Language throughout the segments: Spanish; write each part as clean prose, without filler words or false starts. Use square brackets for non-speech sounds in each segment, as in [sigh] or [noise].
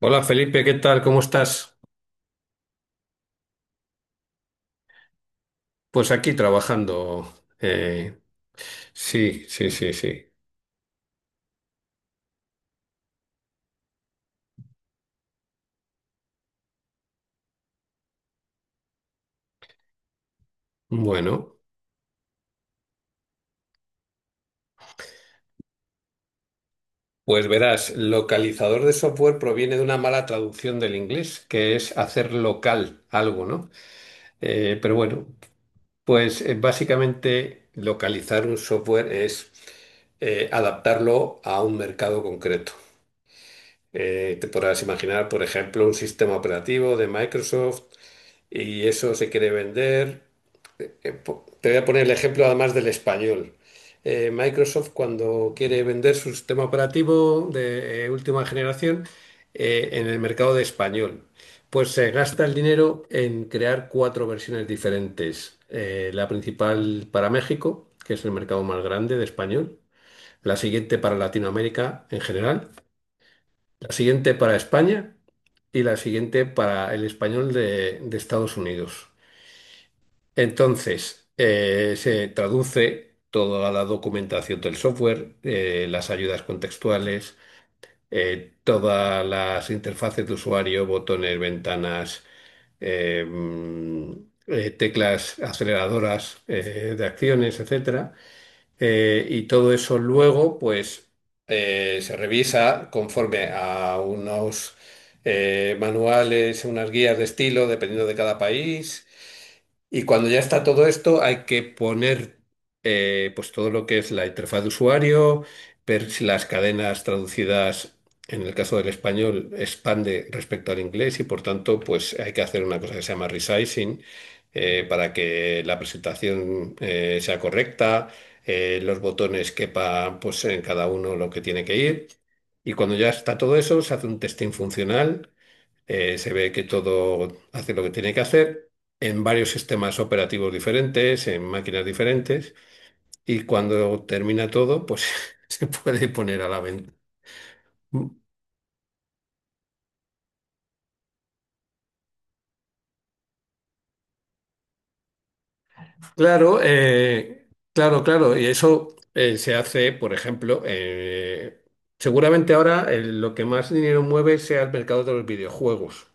Hola Felipe, ¿qué tal? ¿Cómo estás? Pues aquí trabajando. Eh, sí, sí, sí, sí. Bueno, pues verás, localizador de software proviene de una mala traducción del inglés, que es hacer local algo, ¿no? Pero bueno, pues básicamente localizar un software es adaptarlo a un mercado concreto. Te podrás imaginar, por ejemplo, un sistema operativo de Microsoft y eso se quiere vender. Te voy a poner el ejemplo además del español. Microsoft, cuando quiere vender su sistema operativo de última generación en el mercado de español, pues se gasta el dinero en crear cuatro versiones diferentes. La principal para México, que es el mercado más grande de español, la siguiente para Latinoamérica en general, la siguiente para España y la siguiente para el español de Estados Unidos. Entonces, se traduce toda la documentación del software, las ayudas contextuales, todas las interfaces de usuario, botones, ventanas, eh, mm, teclas aceleradoras de acciones, etcétera. Y todo eso luego, pues, se revisa conforme a unos manuales, unas guías de estilo, dependiendo de cada país. Y cuando ya está todo esto, hay que poner pues todo lo que es la interfaz de usuario, ver si las cadenas traducidas, en el caso del español, expande respecto al inglés, y por tanto, pues hay que hacer una cosa que se llama resizing, para que la presentación sea correcta, los botones quepan pues en cada uno lo que tiene que ir. Y cuando ya está todo eso, se hace un testing funcional, se ve que todo hace lo que tiene que hacer en varios sistemas operativos diferentes, en máquinas diferentes, y cuando termina todo, pues [laughs] se puede poner a la venta. Claro, claro, claro, y eso se hace, por ejemplo, seguramente ahora lo que más dinero mueve sea el mercado de los videojuegos,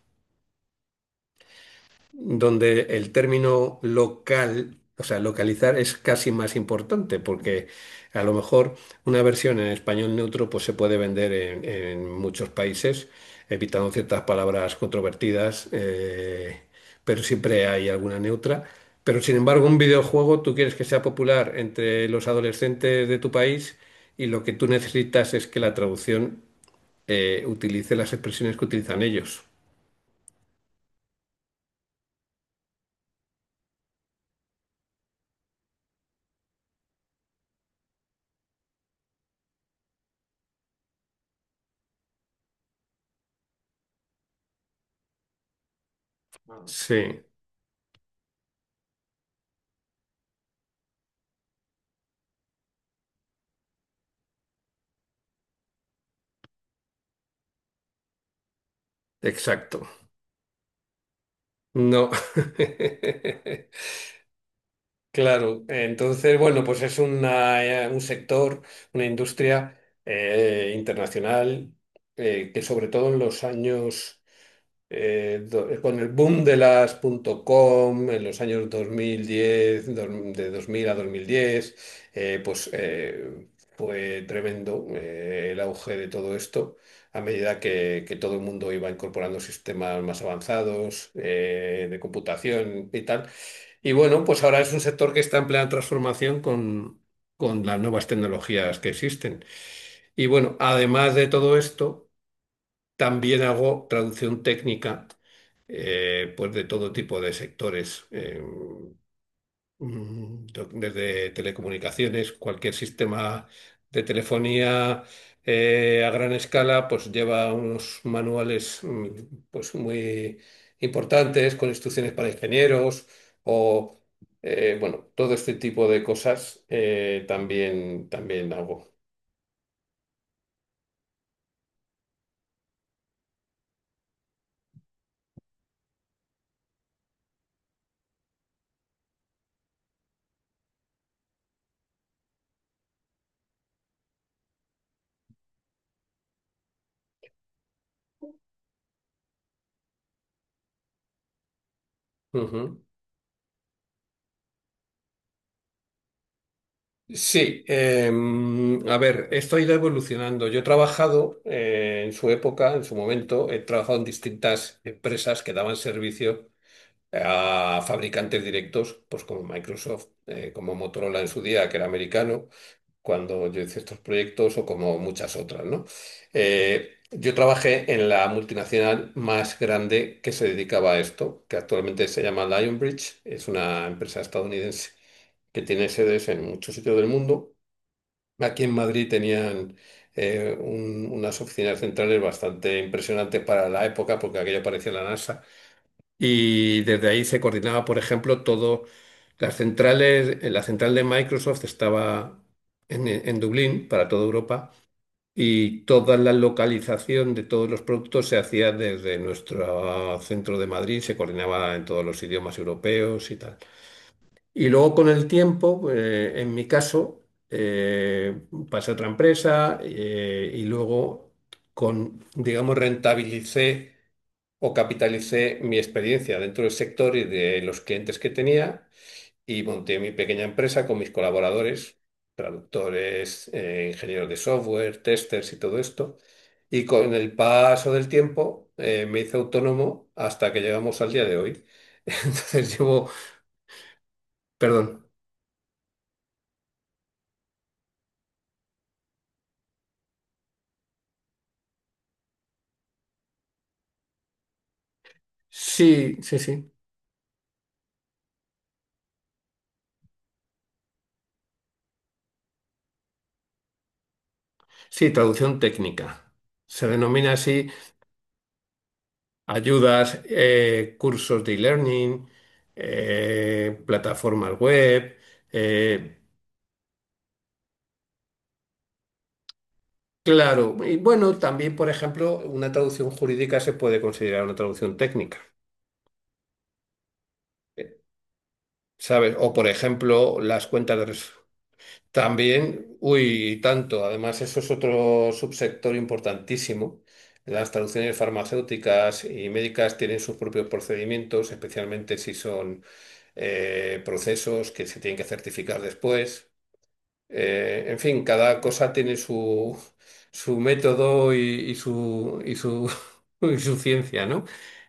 donde el término local, o sea, localizar, es casi más importante, porque a lo mejor una versión en español neutro pues se puede vender en muchos países, evitando ciertas palabras controvertidas, pero siempre hay alguna neutra. Pero sin embargo, un videojuego tú quieres que sea popular entre los adolescentes de tu país y lo que tú necesitas es que la traducción utilice las expresiones que utilizan ellos. Sí, exacto. No. [laughs] Claro, entonces, bueno, pues es un sector, una industria internacional, que sobre todo en los años, con el boom de las punto .com, en los años 2010, de 2000 a 2010, eh, pues eh, fue tremendo el auge de todo esto a medida que todo el mundo iba incorporando sistemas más avanzados de computación y tal. Y bueno, pues ahora es un sector que está en plena transformación con las nuevas tecnologías que existen. Y bueno, además de todo esto, también hago traducción técnica, pues de todo tipo de sectores. Desde telecomunicaciones, cualquier sistema de telefonía a gran escala, pues lleva unos manuales, pues muy importantes, con instrucciones para ingenieros o bueno, todo este tipo de cosas también hago. Ujú. Sí, a ver, esto ha ido evolucionando. Yo he trabajado en su época, en su momento, he trabajado en distintas empresas que daban servicio a fabricantes directos, pues como Microsoft, como Motorola en su día, que era americano, cuando yo hice estos proyectos, o como muchas otras, ¿no? Yo trabajé en la multinacional más grande que se dedicaba a esto, que actualmente se llama Lionbridge. Es una empresa estadounidense que tiene sedes en muchos sitios del mundo. Aquí en Madrid tenían unas oficinas centrales bastante impresionantes para la época, porque aquello parecía la NASA. Y desde ahí se coordinaba, por ejemplo, todo. Las centrales, la central de Microsoft estaba en Dublín para toda Europa, y toda la localización de todos los productos se hacía desde nuestro centro de Madrid, se coordinaba en todos los idiomas europeos y tal. Y luego con el tiempo, en mi caso, eh, pasé a otra empresa y luego, con, digamos, rentabilicé o capitalicé mi experiencia dentro del sector y de los clientes que tenía, y monté mi pequeña empresa con mis colaboradores, traductores, ingenieros de software, testers y todo esto. Y con el paso del tiempo me hice autónomo hasta que llegamos al día de hoy. [laughs] Entonces llevo, perdón, sí, sí, sí, sí, traducción técnica. Se denomina así, ayudas, cursos de e-learning, plataformas web. eh, claro, y bueno, también, por ejemplo, una traducción jurídica se puede considerar una traducción técnica, eh, ¿sabes? O, por ejemplo, las cuentas de... También, uy, y tanto. Además, eso es otro subsector importantísimo. Las traducciones farmacéuticas y médicas tienen sus propios procedimientos, especialmente si son procesos que se tienen que certificar después. En fin, cada cosa tiene su método y su, y su, [laughs] y su ciencia, ¿no?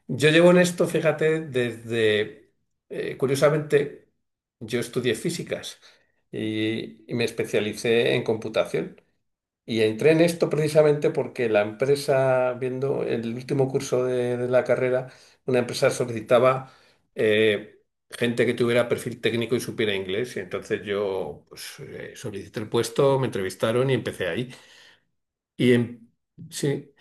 Yo llevo en esto, fíjate, desde, curiosamente, yo estudié físicas y me especialicé en computación. Y entré en esto precisamente porque la empresa, viendo el último curso de la carrera, una empresa solicitaba eh, gente que tuviera perfil técnico y supiera inglés. Y entonces yo pues, solicité el puesto, me entrevistaron y empecé ahí. Y en, sí,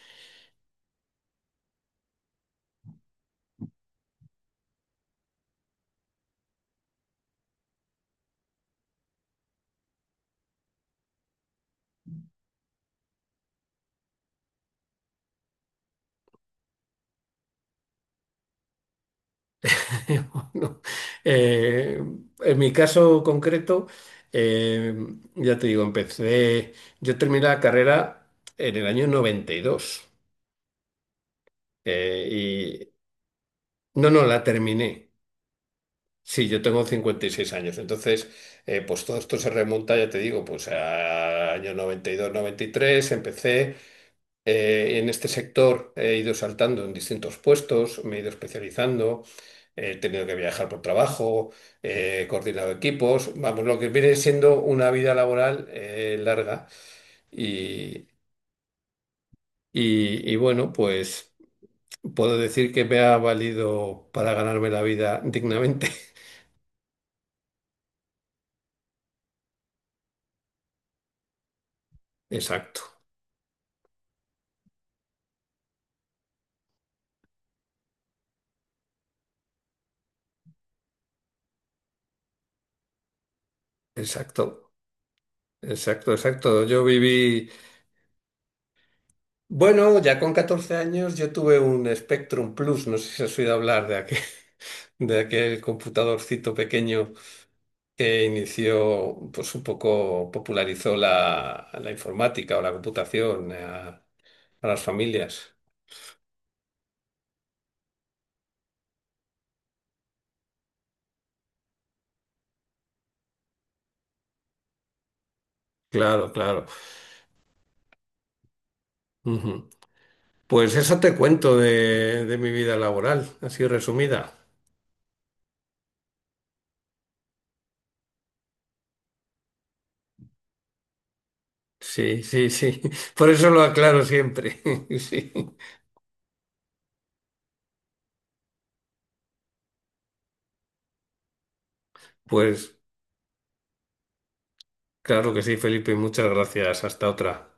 [laughs] bueno, eh, en mi caso concreto, eh, ya te digo, empecé, yo terminé la carrera en el año 92. eh, y, no, no, la terminé. Sí, yo tengo 56 años. Entonces, pues todo esto se remonta, ya te digo, pues a año 90, 92, y tres. Empecé en este sector, he ido saltando en distintos puestos, me he ido especializando, he tenido que viajar por trabajo, he coordinado equipos, vamos, lo que viene siendo una vida laboral larga. Y, y bueno, pues puedo decir que me ha valido para ganarme la vida dignamente. [laughs] Exacto, exacto. Exacto, exacto. Yo viví, bueno, ya con 14 años yo tuve un Spectrum Plus, no sé si has oído hablar de aquel, [laughs] de aquel computadorcito pequeño que inició, pues un poco popularizó la informática o la computación a las familias. Claro, claro. Ujú. Pues eso te cuento de mi vida laboral, así resumida. Sí, sí, sí. [laughs] Por eso lo aclaro siempre. [laughs] Sí. Pues. Claro que sí, Felipe, muchas gracias. Hasta otra.